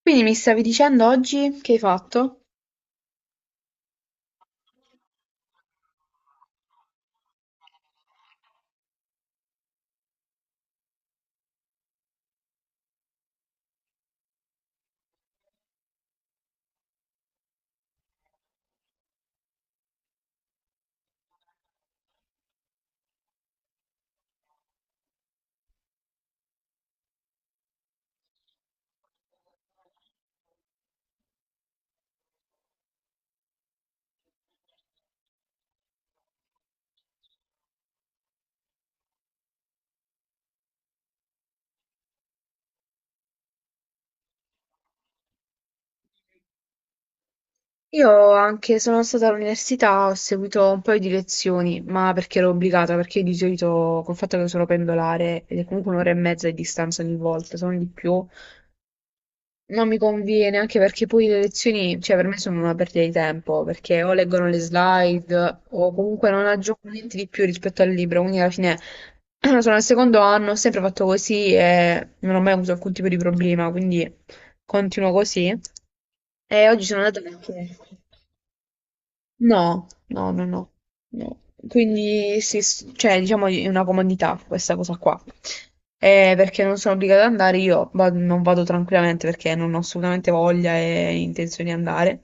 Quindi mi stavi dicendo oggi che hai fatto? Io anche sono stata all'università, ho seguito un paio di lezioni, ma perché ero obbligata, perché di solito col fatto che sono pendolare ed è comunque un'ora e mezza di distanza ogni volta, sono di più, non mi conviene, anche perché poi le lezioni, cioè per me sono una perdita di tempo, perché o leggono le slide o comunque non aggiungono niente di più rispetto al libro, quindi alla fine sono al secondo anno, ho sempre fatto così e non ho mai avuto alcun tipo di problema, quindi continuo così. Oggi sono andata a no, no, no, no, no. Quindi sì, cioè, diciamo è una comodità questa cosa qua. Perché non sono obbligata ad andare, io non vado tranquillamente perché non ho assolutamente voglia e intenzione di andare.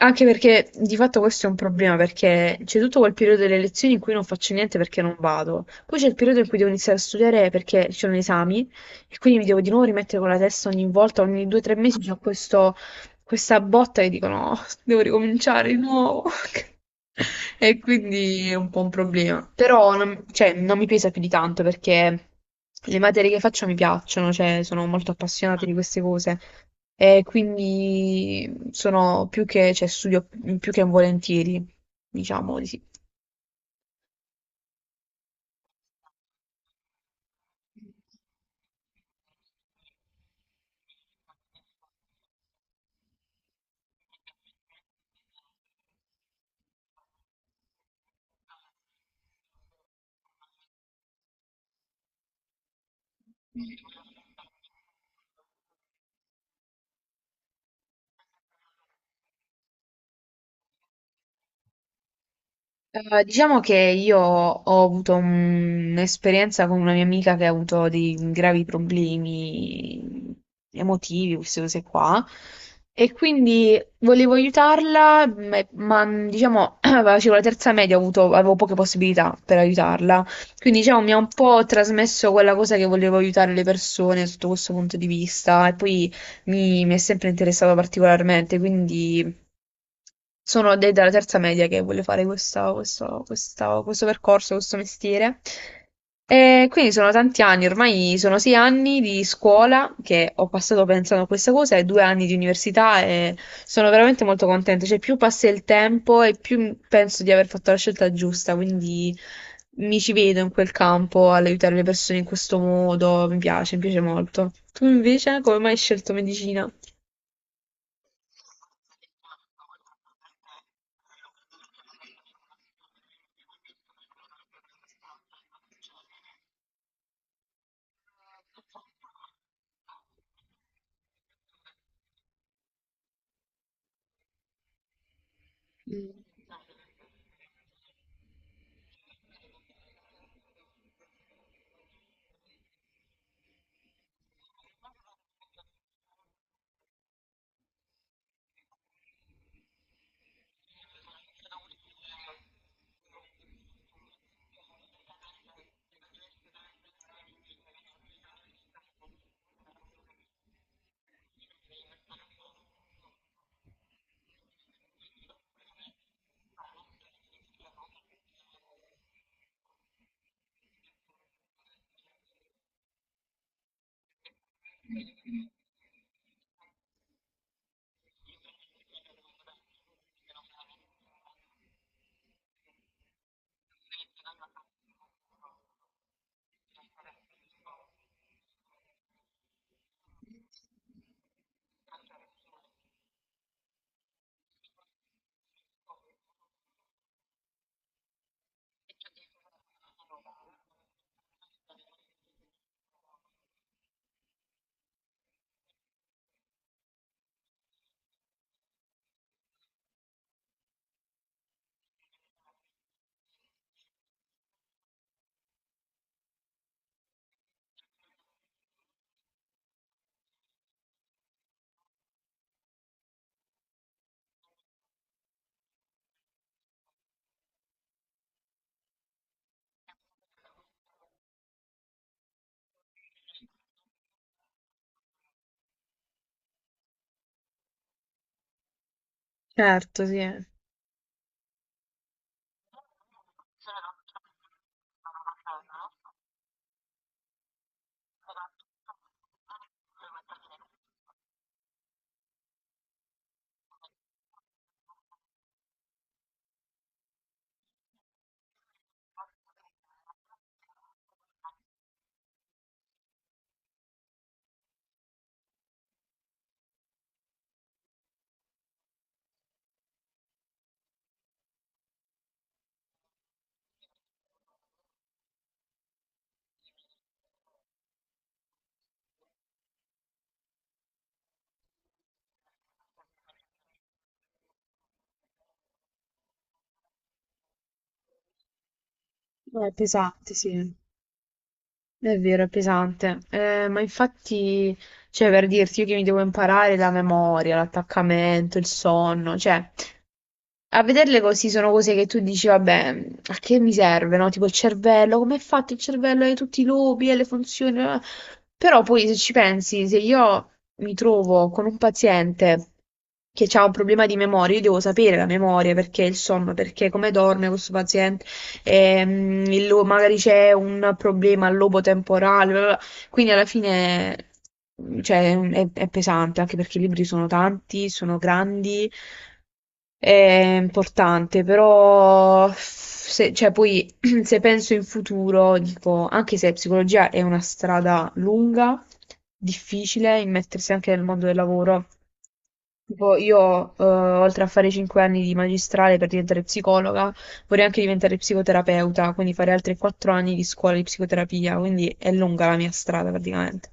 Anche perché di fatto questo è un problema, perché c'è tutto quel periodo delle lezioni in cui non faccio niente perché non vado. Poi c'è il periodo in cui devo iniziare a studiare perché ci sono gli esami e quindi mi devo di nuovo rimettere con la testa ogni volta, ogni due o tre mesi c'è questo questa botta e dicono: "Oh, devo ricominciare di nuovo". E quindi è un po' un problema. Però non, cioè, non mi pesa più di tanto perché le materie che faccio mi piacciono, cioè, sono molto appassionata di queste cose. E quindi sono più che, cioè, studio più che volentieri, diciamo di sì. Diciamo che io ho avuto un'esperienza con una mia amica che ha avuto dei gravi problemi emotivi, queste cose qua, e quindi volevo aiutarla, diciamo, facevo la terza media, avevo poche possibilità per aiutarla, quindi diciamo mi ha un po' trasmesso quella cosa che volevo aiutare le persone sotto questo punto di vista, e poi mi è sempre interessata particolarmente, quindi... Sono dalla terza media che voglio fare questo percorso, questo mestiere. E quindi sono tanti anni, ormai sono 6 anni di scuola che ho passato pensando a questa cosa e 2 anni di università e sono veramente molto contenta. Cioè, più passa il tempo e più penso di aver fatto la scelta giusta, quindi mi ci vedo in quel campo all'aiutare le persone in questo modo. Mi piace molto. Tu invece, come mai hai scelto medicina? Certo, sì. Pesante, sì. È vero, è pesante. Ma infatti, cioè, per dirti, io che mi devo imparare la memoria, l'attaccamento, il sonno, cioè, a vederle così sono cose che tu dici, vabbè, a che mi serve, no? Tipo il cervello, come è fatto il cervello, hai tutti i lobi, e le funzioni. Eh, però poi se ci pensi, se io mi trovo con un paziente che ha un problema di memoria, io devo sapere la memoria, perché il sonno, perché come dorme questo il magari c'è un problema lobo-temporale, bla bla bla, quindi alla fine, cioè, è pesante, anche perché i libri sono tanti, sono grandi, è importante, però se, cioè, poi se penso in futuro, dico, anche se psicologia è una strada lunga, difficile, immettersi anche nel mondo del lavoro. Tipo, io, oltre a fare 5 anni di magistrale per diventare psicologa, vorrei anche diventare psicoterapeuta, quindi fare altri 4 anni di scuola di psicoterapia, quindi è lunga la mia strada praticamente.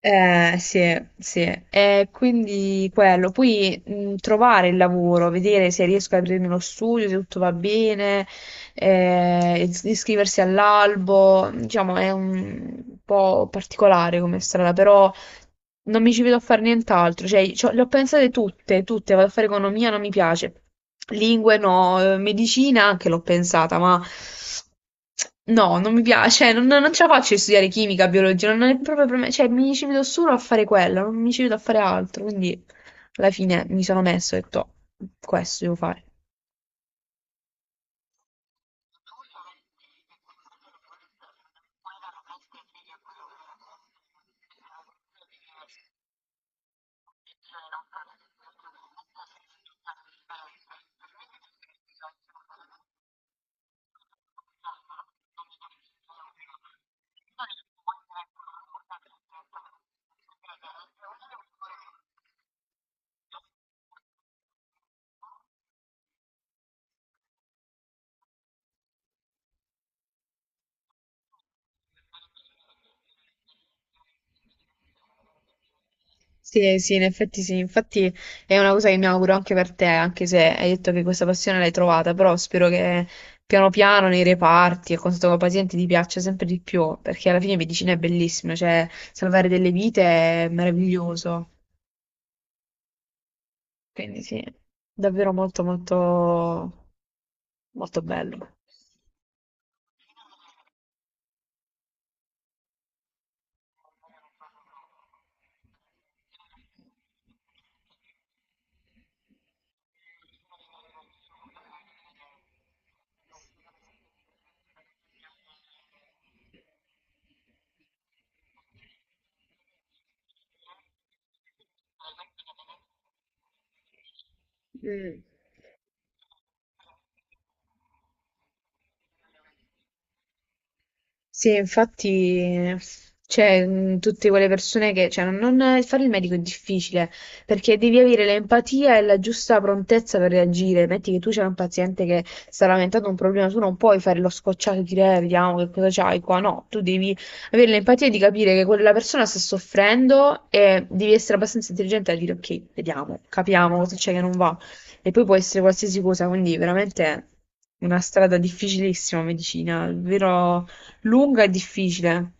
Sì, sì. E quindi quello. Poi trovare il lavoro, vedere se riesco a aprirmi lo studio, se tutto va bene, iscriversi all'albo, diciamo, è un po' particolare come strada, però non mi ci vedo a fare nient'altro, cioè le ho pensate tutte, tutte, vado a fare economia, non mi piace, lingue no, eh, medicina anche l'ho pensata, ma no, non mi piace, cioè, non, non ce la faccio di studiare chimica, biologia, non è proprio per me, cioè mi ci vedo solo a fare quello, non mi ci vedo a fare altro, quindi alla fine mi sono messo e ho detto, "Oh, questo devo fare". Sì, sì, in effetti sì, infatti è una cosa che mi auguro anche per te, anche se hai detto che questa passione l'hai trovata, però spero che piano piano nei reparti e con questo paziente ti piaccia sempre di più, perché alla fine medicina è bellissima, cioè salvare delle vite è meraviglioso, quindi sì, davvero molto molto molto bello. Sì, infatti, c'è tutte quelle persone che, cioè, fare il medico è difficile perché devi avere l'empatia e la giusta prontezza per reagire. Metti che tu c'è un paziente che sta lamentando un problema, tu non puoi fare lo scocciato e dire, vediamo che cosa c'hai qua". No, tu devi avere l'empatia di capire che quella persona sta soffrendo e devi essere abbastanza intelligente a dire, ok, vediamo, capiamo cosa c'è che non va. E poi può essere qualsiasi cosa, quindi veramente una strada difficilissima, medicina, davvero lunga e difficile